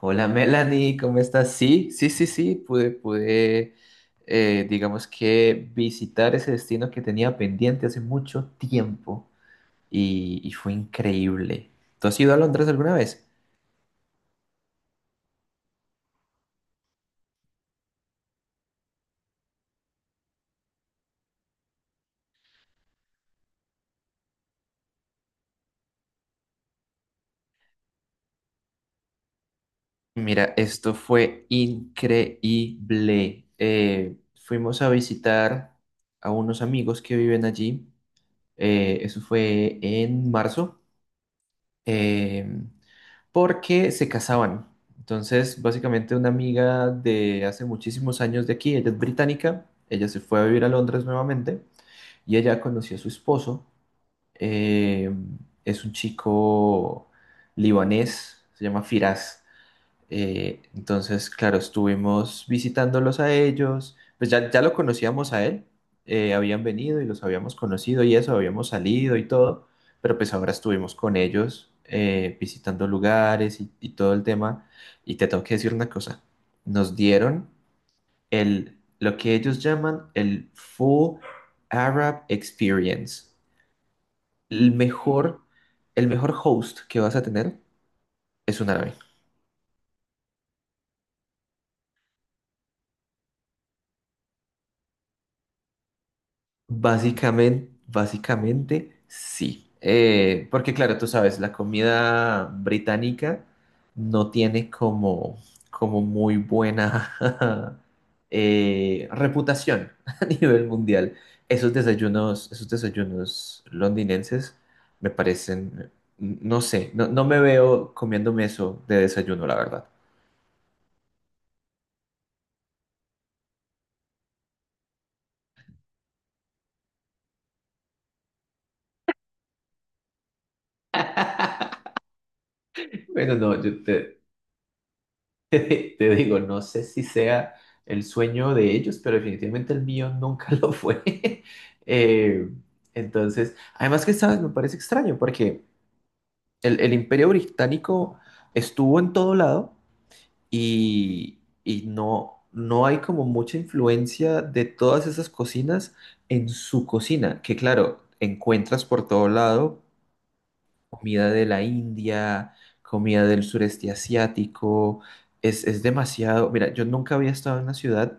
Hola Melanie, ¿cómo estás? Sí, sí, sí, sí, pude, digamos que visitar ese destino que tenía pendiente hace mucho tiempo y fue increíble. ¿Tú has ido a Londres alguna vez? Mira, esto fue increíble. Fuimos a visitar a unos amigos que viven allí. Eso fue en marzo, Em, porque se casaban. Entonces, básicamente una amiga de hace muchísimos años de aquí, ella es británica, ella se fue a vivir a Londres nuevamente y ella conoció a su esposo. eh, es un chico libanés, se llama Firas. Entonces, claro, estuvimos visitándolos a ellos, pues ya, ya lo conocíamos a él, habían venido y los habíamos conocido y eso, habíamos salido y todo, pero pues ahora estuvimos con ellos visitando lugares y todo el tema. Y te tengo que decir una cosa, nos dieron lo que ellos llaman el Full Arab Experience, el mejor, el mejor host que vas a tener es un árabe. Básicamente sí. Porque claro, tú sabes, la comida británica no tiene como muy buena reputación a nivel mundial. Esos desayunos londinenses me parecen, no sé, no, no me veo comiéndome eso de desayuno, la verdad. Bueno, no, yo te, te digo, no sé si sea el sueño de ellos, pero definitivamente el mío nunca lo fue. Eh, entonces, además que, ¿sabes? Me parece extraño porque el Imperio Británico estuvo en todo lado y no, no hay como mucha influencia de todas esas cocinas en su cocina, que claro, encuentras por todo lado comida de la India, comida del sureste asiático, es demasiado. Mira, yo nunca había estado en una ciudad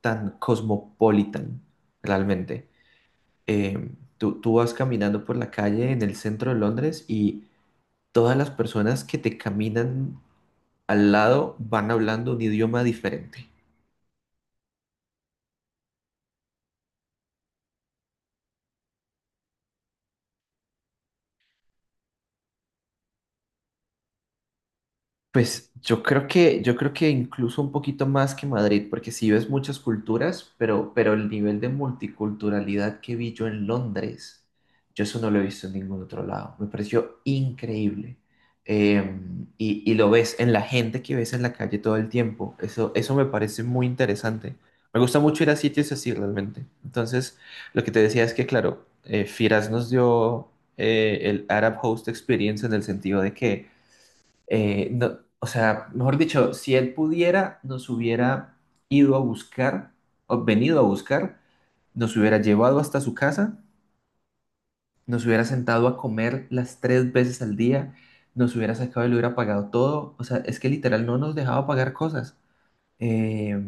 tan cosmopolitan, realmente. Tú vas caminando por la calle en el centro de Londres y todas las personas que te caminan al lado van hablando un idioma diferente. Pues yo creo que incluso un poquito más que Madrid, porque sí ves muchas culturas, pero el nivel de multiculturalidad que vi yo en Londres, yo eso no lo he visto en ningún otro lado. Me pareció increíble. Eh, y lo ves en la gente que ves en la calle todo el tiempo. Eso me parece muy interesante. Me gusta mucho ir a sitios así realmente. Entonces, lo que te decía es que, claro, Firas nos dio el Arab Host Experience en el sentido de que o sea, mejor dicho, si él pudiera, nos hubiera ido a buscar, o venido a buscar, nos hubiera llevado hasta su casa, nos hubiera sentado a comer las tres veces al día, nos hubiera sacado y le hubiera pagado todo. O sea, es que literal no nos dejaba pagar cosas. Eh,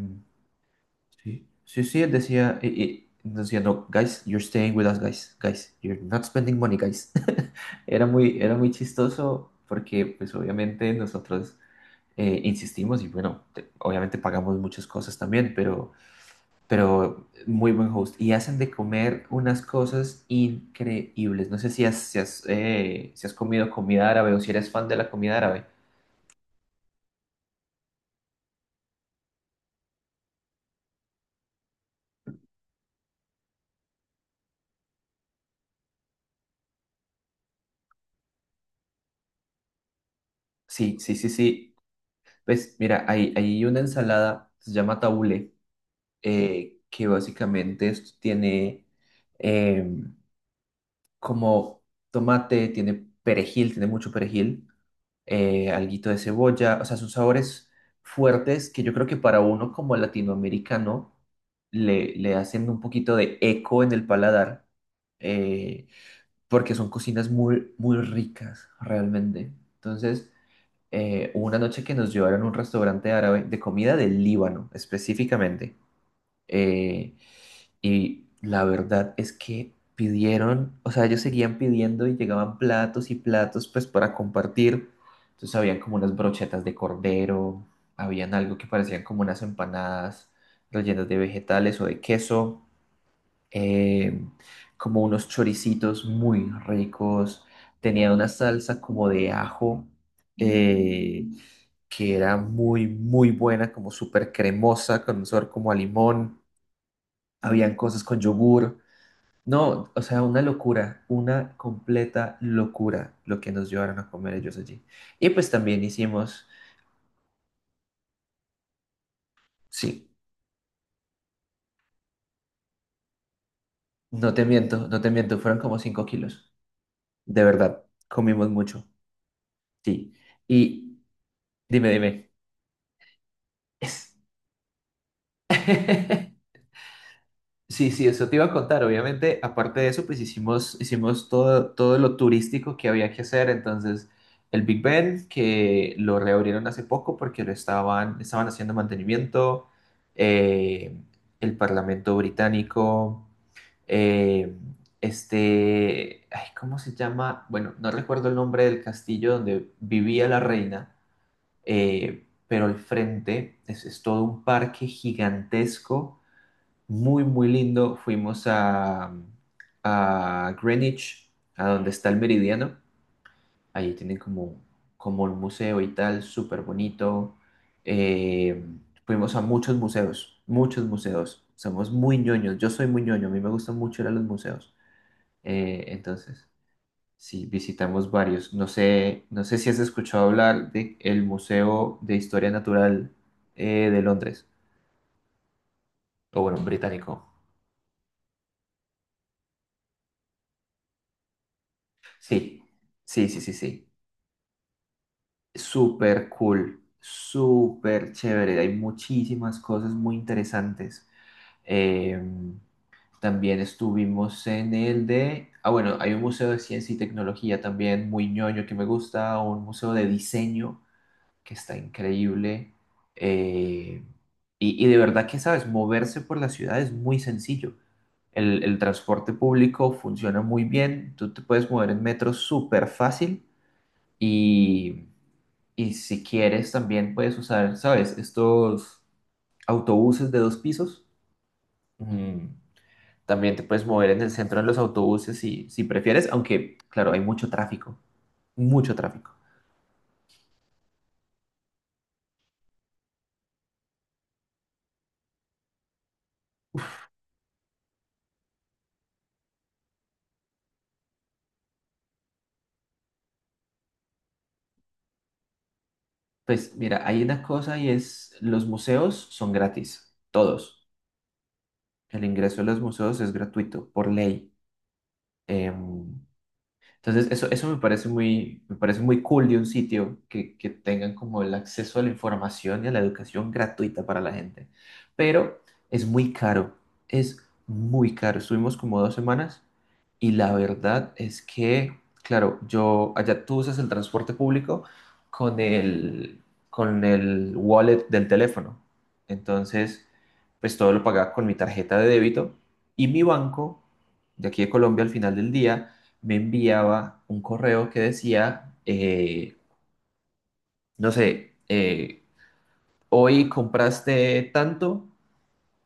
sí, sí, sí, él decía, no, guys, you're staying with us, guys, guys, you're not spending money, guys. Era muy chistoso porque, pues, obviamente nosotros insistimos y bueno, obviamente pagamos muchas cosas también, pero muy buen host. Y hacen de comer unas cosas increíbles. No sé si has comido comida árabe o si eres fan de la comida árabe. Sí, sí, sí, sí. Pues mira, hay una ensalada, se llama tabule, que básicamente esto tiene em, como tomate, tiene perejil, tiene mucho perejil alguito de cebolla, o sea, son sabores fuertes que yo creo que para uno como latinoamericano le hacen un poquito de eco en el paladar, eh, porque son cocinas muy, muy ricas realmente. Entonces, hubo una noche que nos llevaron a un restaurante árabe de comida del Líbano específicamente. Eh, y la verdad es que pidieron, o sea, ellos seguían pidiendo y llegaban platos y platos pues para compartir. Entonces habían como unas brochetas de cordero, habían algo que parecían como unas empanadas rellenas de vegetales o de queso, eh, como unos choricitos muy ricos, tenía una salsa como de ajo, eh, que era muy, muy buena, como súper cremosa, con un sabor como a limón. Habían cosas con yogur. No, o sea, una locura, una completa locura lo que nos llevaron a comer ellos allí. Y pues también hicimos, sí, no te miento, fueron como 5 kilos. De verdad, comimos mucho, sí. Y dime, dime. Sí, sí, eso te iba a contar. Obviamente, aparte de eso, pues hicimos todo, todo lo turístico que había que hacer. Entonces, el Big Ben, que lo reabrieron hace poco porque lo estaban haciendo mantenimiento, eh, el Parlamento Británico, eh, este, ay, ¿cómo se llama? Bueno, no recuerdo el nombre del castillo donde vivía la reina, pero al frente es todo un parque gigantesco muy, muy lindo. Fuimos a Greenwich, a donde está el meridiano. Allí tienen como, como un museo y tal, súper bonito. Eh, fuimos a muchos museos, muchos museos. Somos muy ñoños. Yo soy muy ñoño, a mí me gusta mucho ir a los museos. Entonces, sí, visitamos varios. No sé si has escuchado hablar de el Museo de Historia Natural de Londres, o bueno, británico. Sí, sí, sí, sí, sí. Súper cool, súper chévere. Hay muchísimas cosas muy interesantes. Eh, también estuvimos en el de... Ah, bueno, hay un museo de ciencia y tecnología también muy ñoño que me gusta, un museo de diseño que está increíble. Eh, y de verdad que, ¿sabes? Moverse por la ciudad es muy sencillo. El transporte público funciona muy bien. Tú te puedes mover en metro súper fácil y... Y si quieres, también puedes usar, ¿sabes? Estos autobuses de dos pisos. Mm, También te puedes mover en el centro en los autobuses si prefieres, aunque, claro, hay mucho tráfico, mucho tráfico. Pues mira, hay una cosa y es, los museos son gratis, todos. El ingreso a los museos es gratuito, por ley. Em, Entonces, eso me parece muy cool de un sitio que tengan como el acceso a la información y a la educación gratuita para la gente. Pero es muy caro, es muy caro. Estuvimos como 2 semanas y la verdad es que, claro, yo allá tú usas el transporte público con el, con el wallet del teléfono. Entonces, pues todo lo pagaba con mi tarjeta de débito y mi banco de aquí de Colombia al final del día me enviaba un correo que decía, no sé, hoy compraste tanto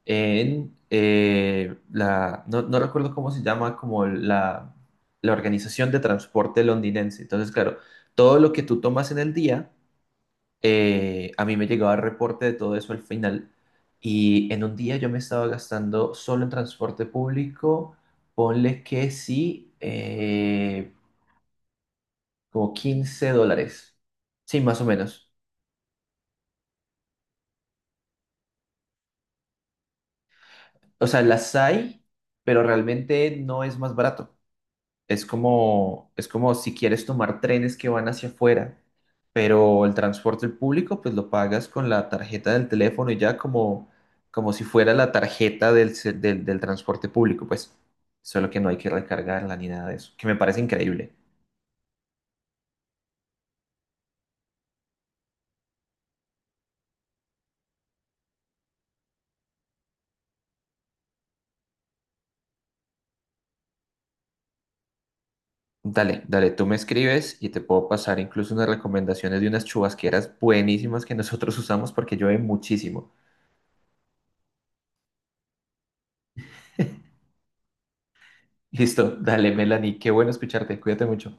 en la, no, no recuerdo cómo se llama, como la organización de transporte londinense. Entonces, claro, todo lo que tú tomas en el día, a mí me llegaba el reporte de todo eso al final. Y en un día yo me estaba gastando solo en transporte público, ponle que sí, como 15 dólares. Sí, más o menos. O sea, las hay, pero realmente no es más barato. Es como si quieres tomar trenes que van hacia afuera, pero el transporte público pues lo pagas con la tarjeta del teléfono y ya como, como si fuera la tarjeta del, del, del transporte público, pues solo que no hay que recargarla ni nada de eso, que me parece increíble. Dale, dale, tú me escribes y te puedo pasar incluso unas recomendaciones de unas chubasqueras buenísimas que nosotros usamos porque llueve muchísimo. Listo, dale, Melanie, qué bueno escucharte, cuídate mucho.